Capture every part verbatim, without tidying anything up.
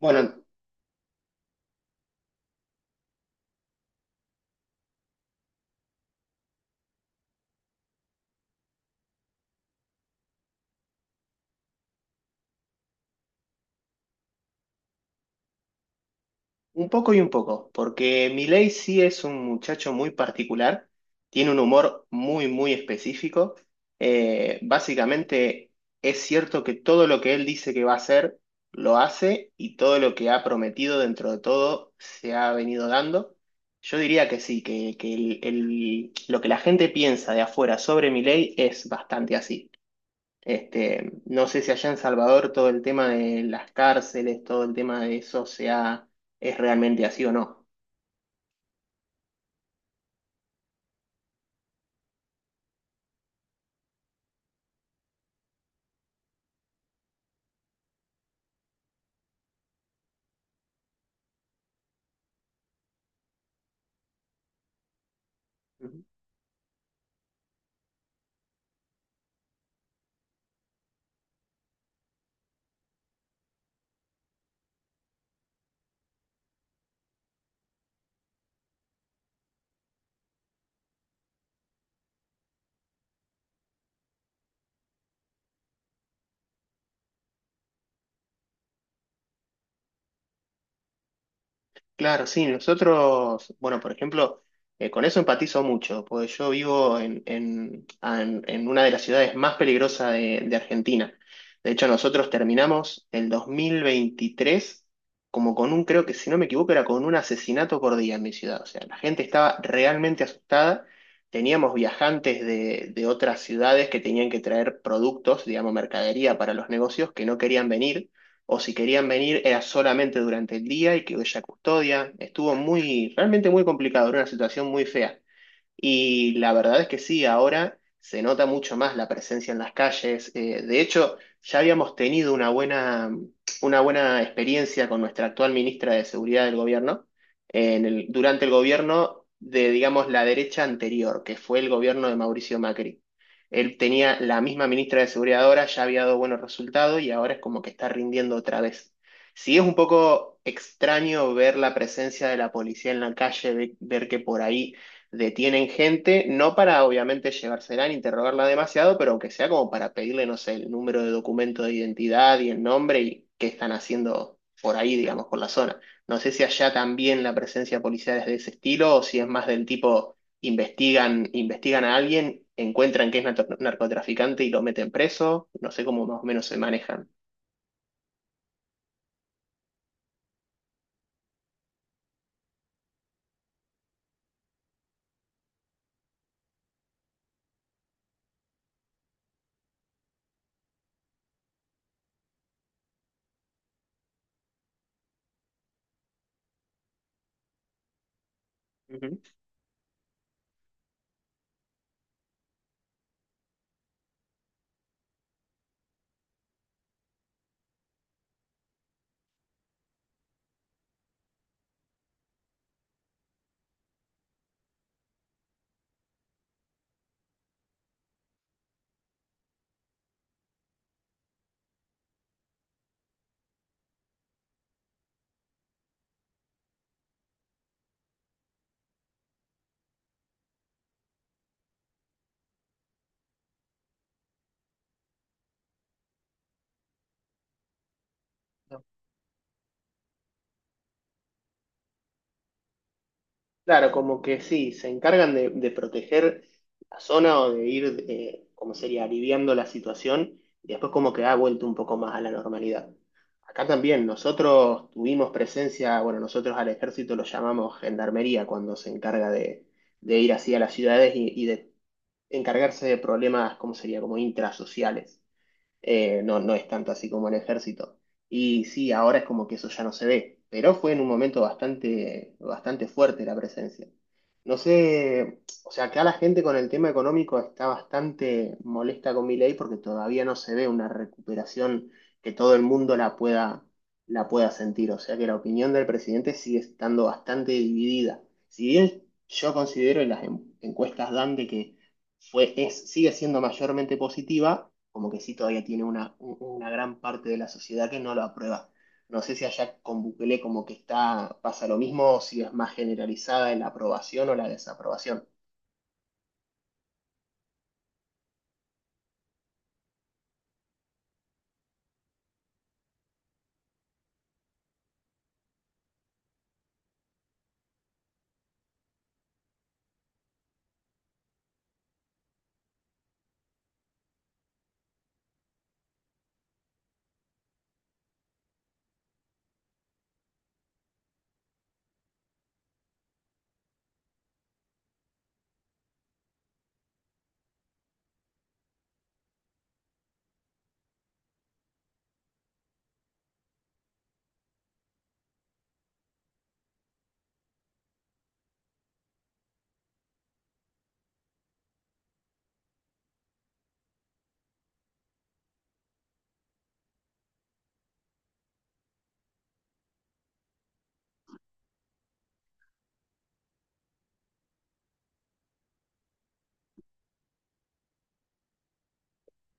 Bueno, un poco y un poco, porque Milei sí es un muchacho muy particular, tiene un humor muy, muy específico. Eh, básicamente es cierto que todo lo que él dice que va a hacer, lo hace y todo lo que ha prometido dentro de todo se ha venido dando. Yo diría que sí, que, que el- el- lo que la gente piensa de afuera sobre Milei es bastante así. Este, no sé si allá en Salvador todo el tema de las cárceles, todo el tema de eso sea, es realmente así o no. Claro, sí, nosotros, bueno, por ejemplo, eh, con eso empatizo mucho, porque yo vivo en, en- en- en una de las ciudades más peligrosas de, de Argentina. De hecho, nosotros terminamos el dos mil veintitrés como con un, creo que si no me equivoco, era con un asesinato por día en mi ciudad. O sea, la gente estaba realmente asustada. Teníamos viajantes de, de otras ciudades que tenían que traer productos, digamos, mercadería para los negocios que no querían venir o si querían venir era solamente durante el día y que ella custodia. Estuvo muy, realmente muy complicado, era una situación muy fea. Y la verdad es que sí, ahora se nota mucho más la presencia en las calles. Eh, de hecho, ya habíamos tenido una buena, una buena experiencia con nuestra actual ministra de Seguridad del gobierno, en el- durante el gobierno de, digamos, la derecha anterior, que fue el gobierno de Mauricio Macri. Él tenía la misma ministra de Seguridad ahora, ya había dado buenos resultados y ahora es como que está rindiendo otra vez. Sí, es un poco extraño ver la presencia de la policía en la calle, ve- ver que por ahí Detienen gente, no para obviamente llevársela ni interrogarla demasiado, pero aunque sea como para pedirle, no sé, el número de documento de identidad y el nombre y qué están haciendo por ahí, digamos, por la zona. No sé si allá también la presencia policial es de ese estilo o si es más del tipo investigan, investigan a alguien, encuentran que es nato- narcotraficante y lo meten preso. No sé cómo más o menos se manejan. Ujú. Claro, como que sí, se encargan de, de proteger la zona o de ir, eh, como sería, aliviando la situación y después como que ha vuelto un poco más a la normalidad. Acá también nosotros tuvimos presencia, bueno, nosotros al ejército lo llamamos gendarmería cuando se encarga de, de ir así a las ciudades y, y de encargarse de problemas, como sería, como intrasociales. Eh, no, no es tanto así como el ejército. Y sí, ahora es como que eso ya no se ve, pero fue en un momento bastante, bastante fuerte la presencia. No sé, o sea, acá la gente con el tema económico está bastante molesta con mi ley porque todavía no se ve una recuperación que todo el mundo la pueda, la pueda, sentir. O sea que la opinión del presidente sigue estando bastante dividida. Si bien yo considero y las en- encuestas dan de que fue, es, sigue siendo mayormente positiva, como que sí todavía tiene una, u- una gran parte de la sociedad que no lo aprueba. No sé si allá con Bukele como que está, pasa lo mismo, o si es más generalizada la aprobación o la desaprobación.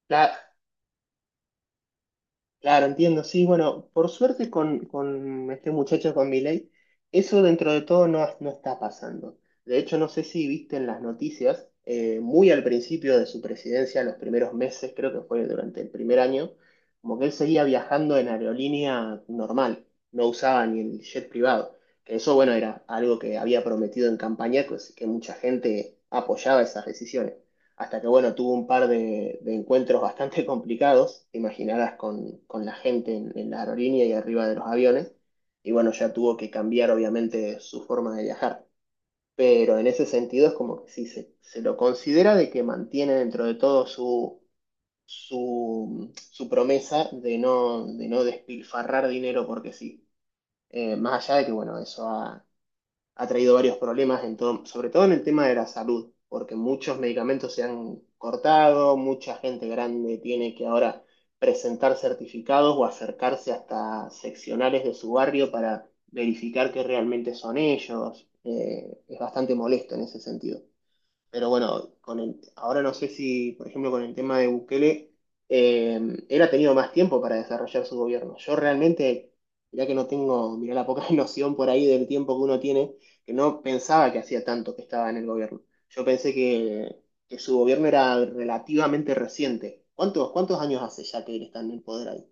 La, Claro, entiendo, sí, bueno, por suerte con, con este muchacho, con Milei, eso dentro de todo no, no está pasando. De hecho, no sé si viste en las noticias, eh, muy al principio de su presidencia, los primeros meses, creo que fue durante el primer año, como que él seguía viajando en aerolínea normal, no usaba ni el jet privado. Que eso, bueno, era algo que había prometido en campaña, pues, que mucha gente apoyaba esas decisiones hasta que, bueno, tuvo un par de, de encuentros bastante complicados, te imaginarás, con, con, la gente en, en la aerolínea y arriba de los aviones, y bueno, ya tuvo que cambiar obviamente su forma de viajar. Pero en ese sentido es como que sí, se, se, lo considera de que mantiene dentro de todo su, su, su promesa de no, de no despilfarrar dinero porque sí. Eh, más allá de que, bueno, eso ha, ha traído varios problemas, en todo- sobre todo en el tema de la salud, porque muchos medicamentos se han cortado, mucha gente grande tiene que ahora presentar certificados o acercarse hasta seccionales de su barrio para verificar que realmente son ellos. Eh, es bastante molesto en ese sentido. Pero bueno, con el- ahora no sé si, por ejemplo, con el tema de Bukele, eh, él ha tenido más tiempo para desarrollar su gobierno. Yo realmente, mirá que no tengo, mirá la poca noción por ahí del tiempo que uno tiene, que no pensaba que hacía tanto que estaba en el gobierno. Yo pensé que, que su gobierno era relativamente reciente. ¿Cuántos, cuántos años hace ya que él está en el poder ahí?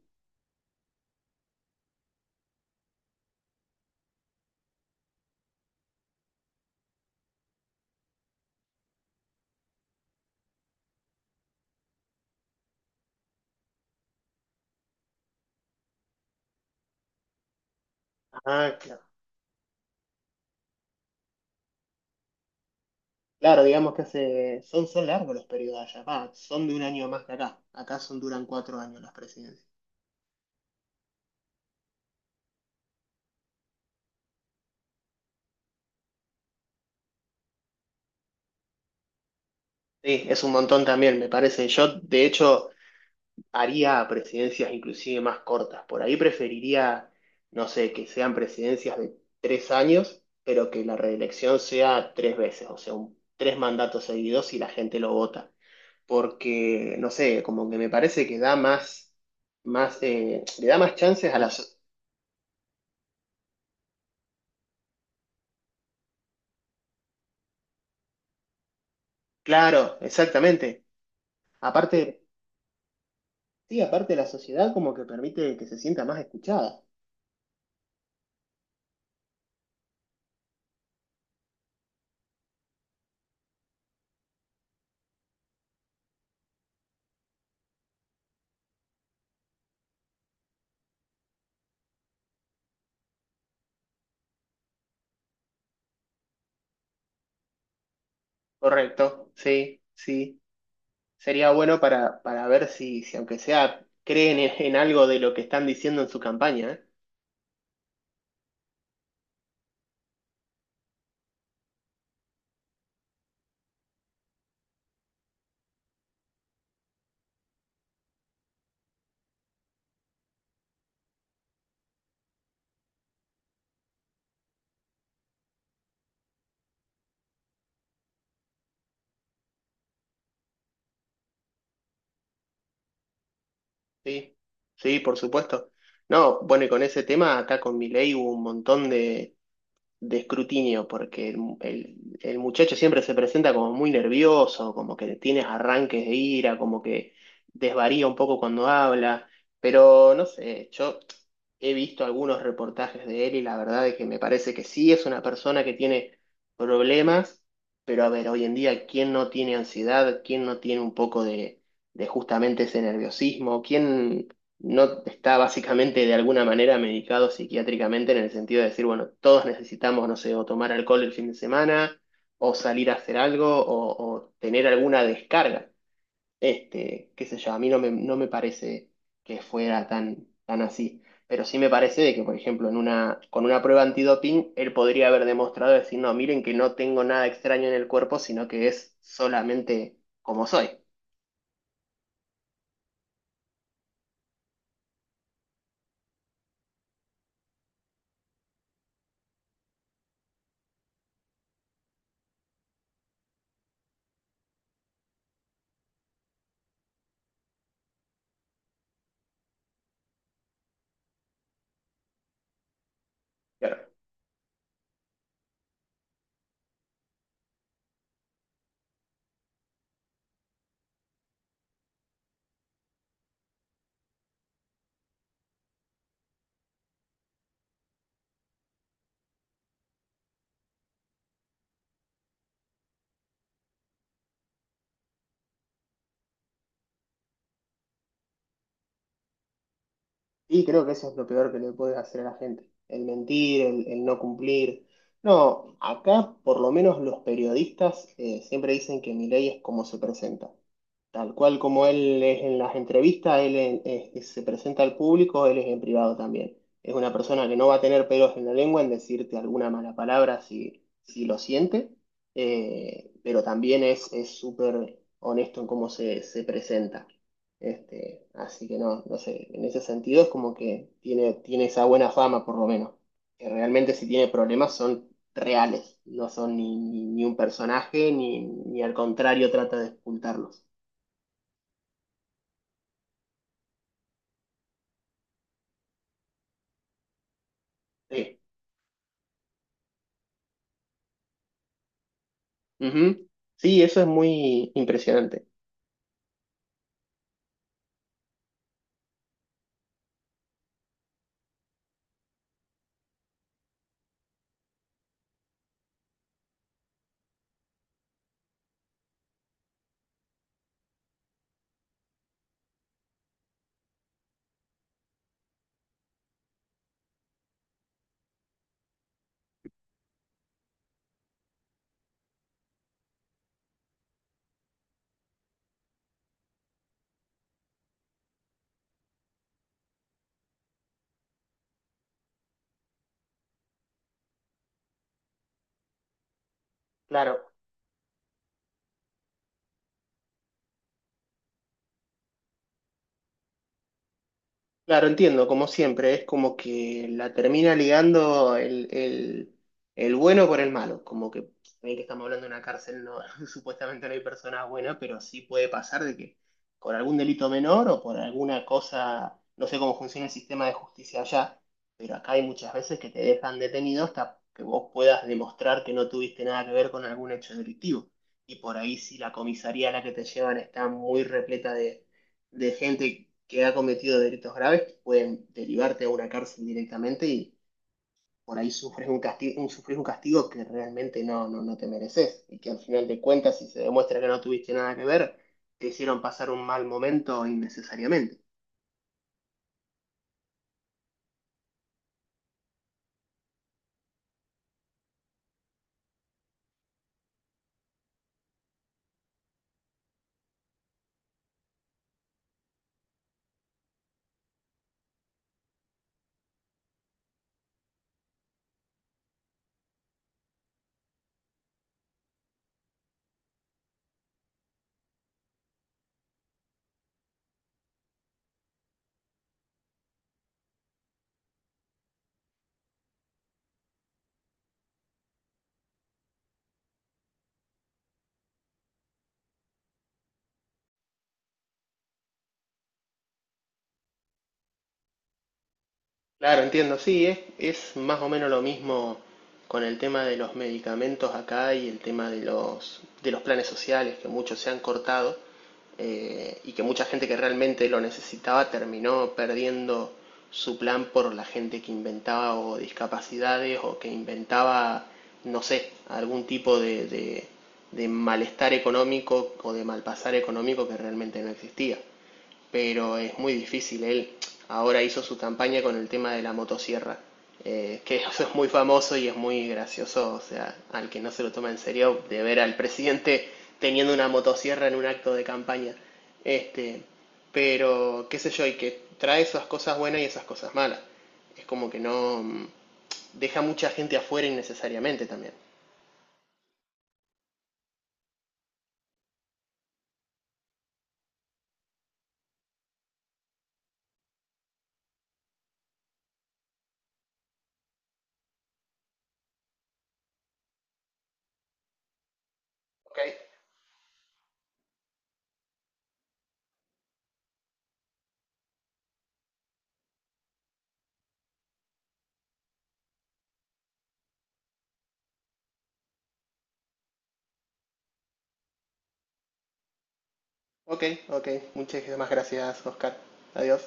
Ah, claro. Claro, digamos que hace, son, son largos los periodos allá, va, son de un año más que acá. Acá son, duran cuatro años las presidencias. Sí, es un montón también, me parece. Yo, de hecho, haría presidencias inclusive más cortas. Por ahí preferiría, no sé, que sean presidencias de tres años, pero que la reelección sea tres veces, o sea, un- tres mandatos seguidos y la gente lo vota. Porque, no sé, como que me parece que da más, más, eh, le da más chances a la... so- Claro, exactamente. Aparte, sí, aparte la sociedad como que permite que se sienta más escuchada. Correcto, sí, sí. Sería bueno para, para ver si, si, aunque sea, creen en, en algo de lo que están diciendo en su campaña, ¿eh? Sí, sí, por supuesto. No, bueno, y con ese tema, acá con Milei hubo un montón de, de escrutinio, porque el, el- el muchacho siempre se presenta como muy nervioso, como que tiene arranques de ira, como que desvaría un poco cuando habla, pero no sé, yo he visto algunos reportajes de él y la verdad es que me parece que sí es una persona que tiene problemas, pero a ver, hoy en día, ¿quién no tiene ansiedad? ¿Quién no tiene un poco de, de justamente ese nerviosismo? ¿Quién no está básicamente de alguna manera medicado psiquiátricamente en el sentido de decir, bueno, todos necesitamos, no sé, o tomar alcohol el fin de semana, o salir a hacer algo, o, o tener alguna descarga. Este, qué sé yo, a mí no me, no me parece que fuera tan, tan así. Pero sí me parece de que, por ejemplo, en una, con una prueba antidoping, él podría haber demostrado decir, no, miren que no tengo nada extraño en el cuerpo, sino que es solamente como soy. Claro. Y creo que eso es lo peor que le puede hacer a la gente, el mentir, el, el no cumplir. No, acá por lo menos los periodistas eh, siempre dicen que Milei es como se presenta. Tal cual como él es en las entrevistas, él en- es- es- se presenta al público, él es en privado también. Es una persona que no va a tener pelos en la lengua en decirte alguna mala palabra si, si, lo siente, eh, pero también es es súper honesto en cómo se, se presenta. Este, así que no, no sé, en ese sentido es como que tiene, tiene, esa buena fama por lo menos, que realmente si tiene problemas son reales, no son ni, ni, ni un personaje, ni, ni al contrario trata de ocultarlos. Sí. Ujú. Sí, eso es muy impresionante. Claro, Claro, entiendo, como siempre, es como que la termina ligando el, el, el bueno por el malo, como que se que estamos hablando de una cárcel, no, supuestamente no hay personas buenas, pero sí puede pasar de que por algún delito menor o por alguna cosa, no sé cómo funciona el sistema de justicia allá, pero acá hay muchas veces que te dejan detenido hasta que vos puedas demostrar que no tuviste nada que ver con algún hecho delictivo. Y por ahí si la comisaría a la que te llevan está muy repleta de de gente que ha cometido delitos graves que pueden derivarte a una cárcel directamente y por ahí sufres un castigo, un, sufres un castigo que realmente no, no, no te mereces y que al final de cuentas, si se demuestra que no tuviste nada que ver, te hicieron pasar un mal momento innecesariamente. Claro, entiendo, sí, es, es, más o menos lo mismo con el tema de los medicamentos acá y el tema de los, de los planes sociales, que muchos se han cortado eh, y que mucha gente que realmente lo necesitaba terminó perdiendo su plan por la gente que inventaba o discapacidades o que inventaba, no sé, algún tipo de, de de malestar económico o de malpasar económico que realmente no existía, pero es muy difícil. Él ahora hizo su campaña con el tema de la motosierra, eh, que eso es muy famoso y es muy gracioso, o sea, al que no se lo toma en serio, de ver al presidente teniendo una motosierra en un acto de campaña. Este, pero, qué sé yo, y que trae esas cosas buenas y esas cosas malas. Es como que no mm, deja mucha gente afuera innecesariamente también. Ok, ok, ok. Muchísimas gracias, Oscar. Adiós.